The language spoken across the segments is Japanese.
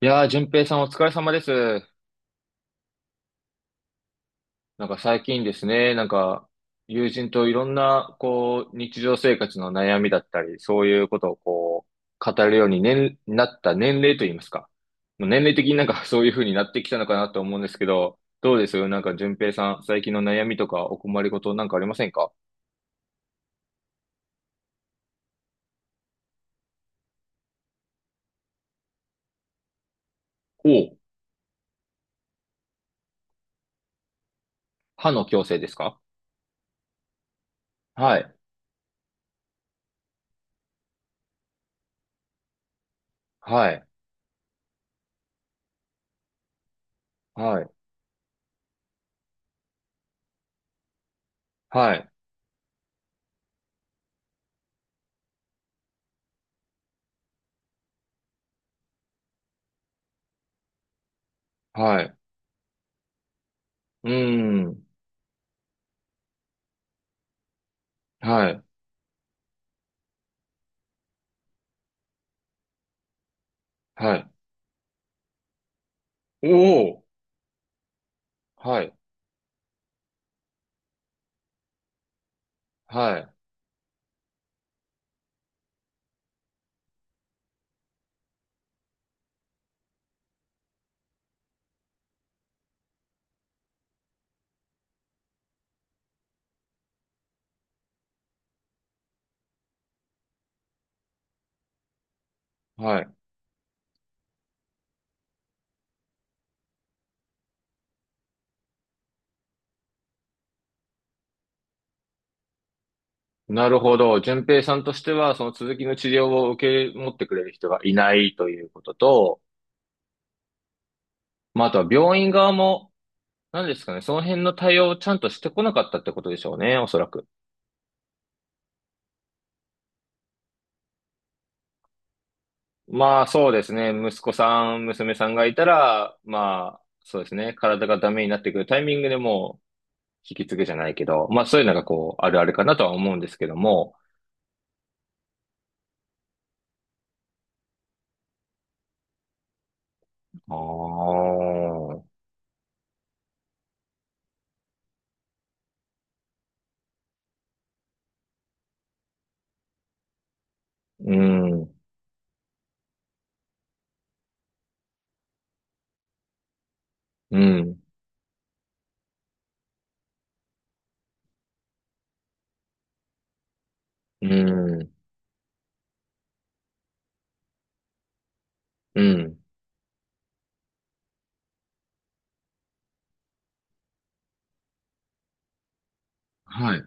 いやー、淳平さんお疲れ様です。最近ですね、友人といろんな、こう、日常生活の悩みだったり、そういうことをこう、語るように、ね、なった年齢といいますか。もう年齢的にそういう風になってきたのかなと思うんですけど、どうですよ、淳平さん、最近の悩みとかお困りごとありませんか？おう、歯の矯正ですか？はい、はい、はい、はい、はい、うーん、はい、はい、おお、はい、はい。はい。なるほど。順平さんとしては、その続きの治療を受け持ってくれる人がいないということと、まあ、あとは病院側も、何ですかね、その辺の対応をちゃんとしてこなかったってことでしょうね、おそらく。まあ、そうですね。息子さん、娘さんがいたら、まあ、そうですね。体がダメになってくるタイミングでもう、引き継ぐじゃないけど、まあ、そういうのがこう、あるあるかなとは思うんですけども。ああ、うん、うん、うん、うん。はい。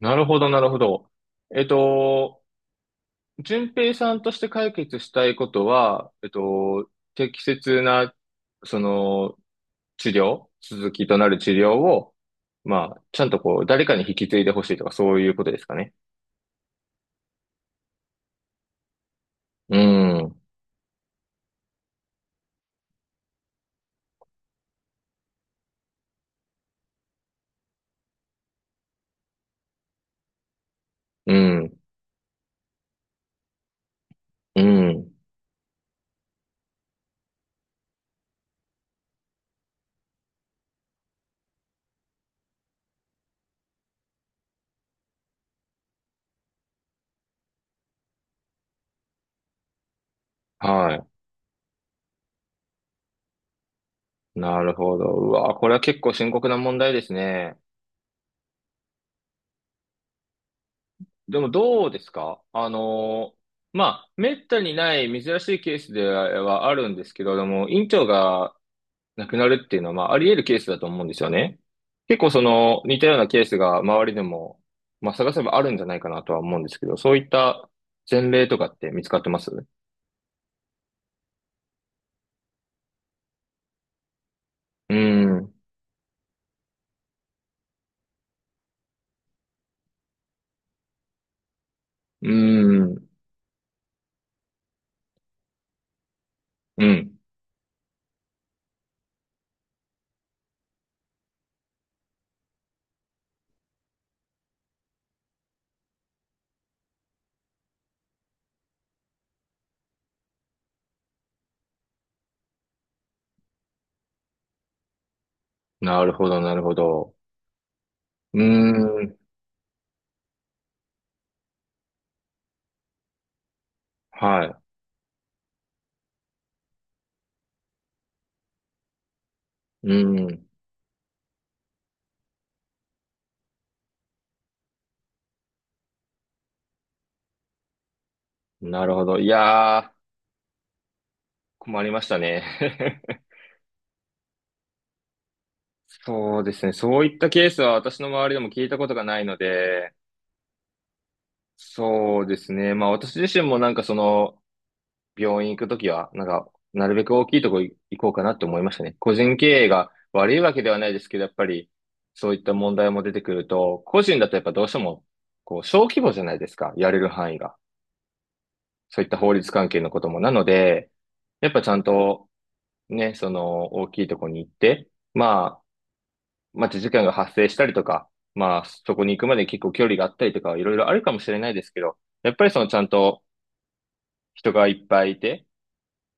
なるほど、なるほど。えっと、順平さんとして解決したいことは、適切な、その、治療、続きとなる治療を、まあ、ちゃんとこう、誰かに引き継いでほしいとか、そういうことですかね。うん、うん、うん。はい。なるほど。うわ、これは結構深刻な問題ですね。でもどうですか、あの、まあ、めったにない珍しいケースではあるんですけれども、院長が、なくなるっていうのは、まあ、あり得るケースだと思うんですよね。結構その、似たようなケースが周りでも、まあ、探せばあるんじゃないかなとは思うんですけど、そういった前例とかって見つかってます？うーん、うーん、うん。なるほど、なるほど。うーん、はい。うーん、なるほど。いやー、困りましたね。そうですね。そういったケースは私の周りでも聞いたことがないので、そうですね。まあ私自身もその、病院行くときは、なるべく大きいとこ行こうかなって思いましたね。個人経営が悪いわけではないですけど、やっぱり、そういった問題も出てくると、個人だとやっぱどうしても、こう、小規模じゃないですか、やれる範囲が。そういった法律関係のことも。なので、やっぱちゃんと、ね、その、大きいとこに行って、まあ、待ち時間が発生したりとか、まあ、そこに行くまで結構距離があったりとか、いろいろあるかもしれないですけど、やっぱりそのちゃんと人がいっぱいいて、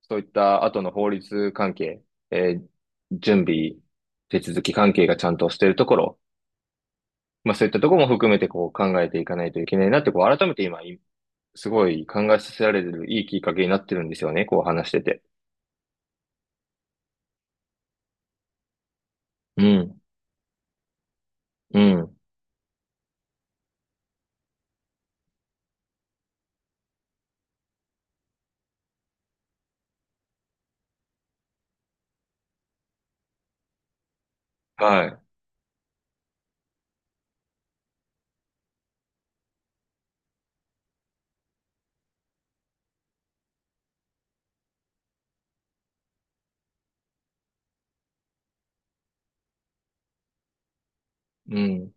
そういった後の法律関係、えー準備、手続き関係がちゃんとしているところ、まあそういったところも含めてこう考えていかないといけないなって、こう改めて今、いすごい考えさせられるいいきっかけになってるんですよね、こう話してて。うん、うん、はい、うん、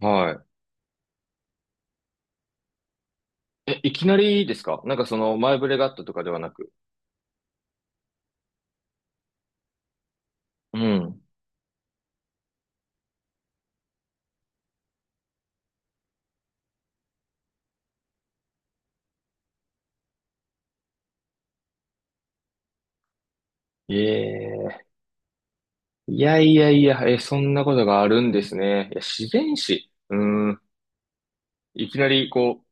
はい。え、いきなりですか？その前触れがあったとかではなく。うん。ええ、いやいやいや、え、そんなことがあるんですね。いや、自然史。うーん。いきなり、こう、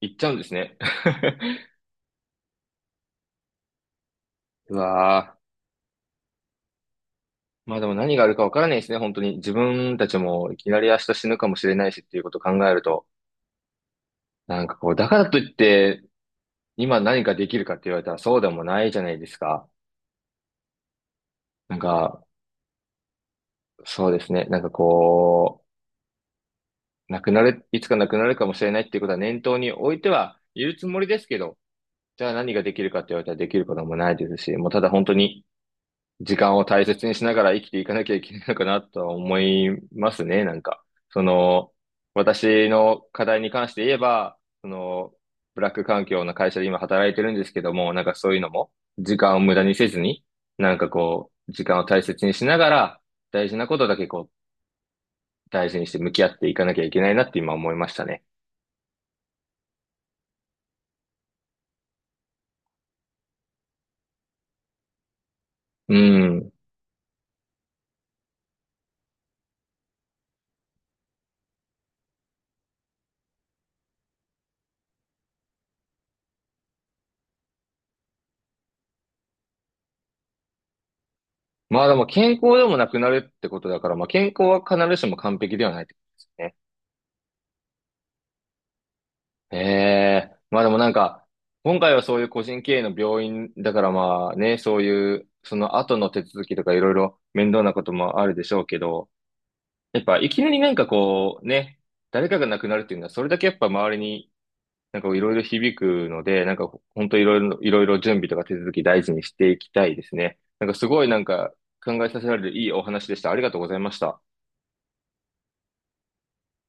言っちゃうんですね。うわー。まあでも何があるかわからないですね、本当に。自分たちもいきなり明日死ぬかもしれないしっていうことを考えると、こう、だからといって、今何かできるかって言われたらそうでもないじゃないですか。なんか、そうですね。こう、なくなる、いつかなくなるかもしれないっていうことは念頭に置いてはいるつもりですけど、じゃあ何ができるかって言われたらできることもないですし、もうただ本当に、時間を大切にしながら生きていかなきゃいけないのかなとは思いますね、その、私の課題に関して言えば、その、ブラック環境の会社で今働いてるんですけども、そういうのも、時間を無駄にせずに、時間を大切にしながら、大事なことだけこう、大事にして向き合っていかなきゃいけないなって今思いましたね。うん。まあでも健康でもなくなるってことだから、まあ健康は必ずしも完璧ではないってことですね。ええ、まあでも今回はそういう個人経営の病院だからまあね、そういう、その後の手続きとかいろいろ面倒なこともあるでしょうけど、やっぱいきなりこうね、誰かが亡くなるっていうのはそれだけやっぱ周りにいろいろ響くので、本当いろいろ、いろいろ準備とか手続き大事にしていきたいですね。すごい考えさせられるいいお話でした。ありがとうございました。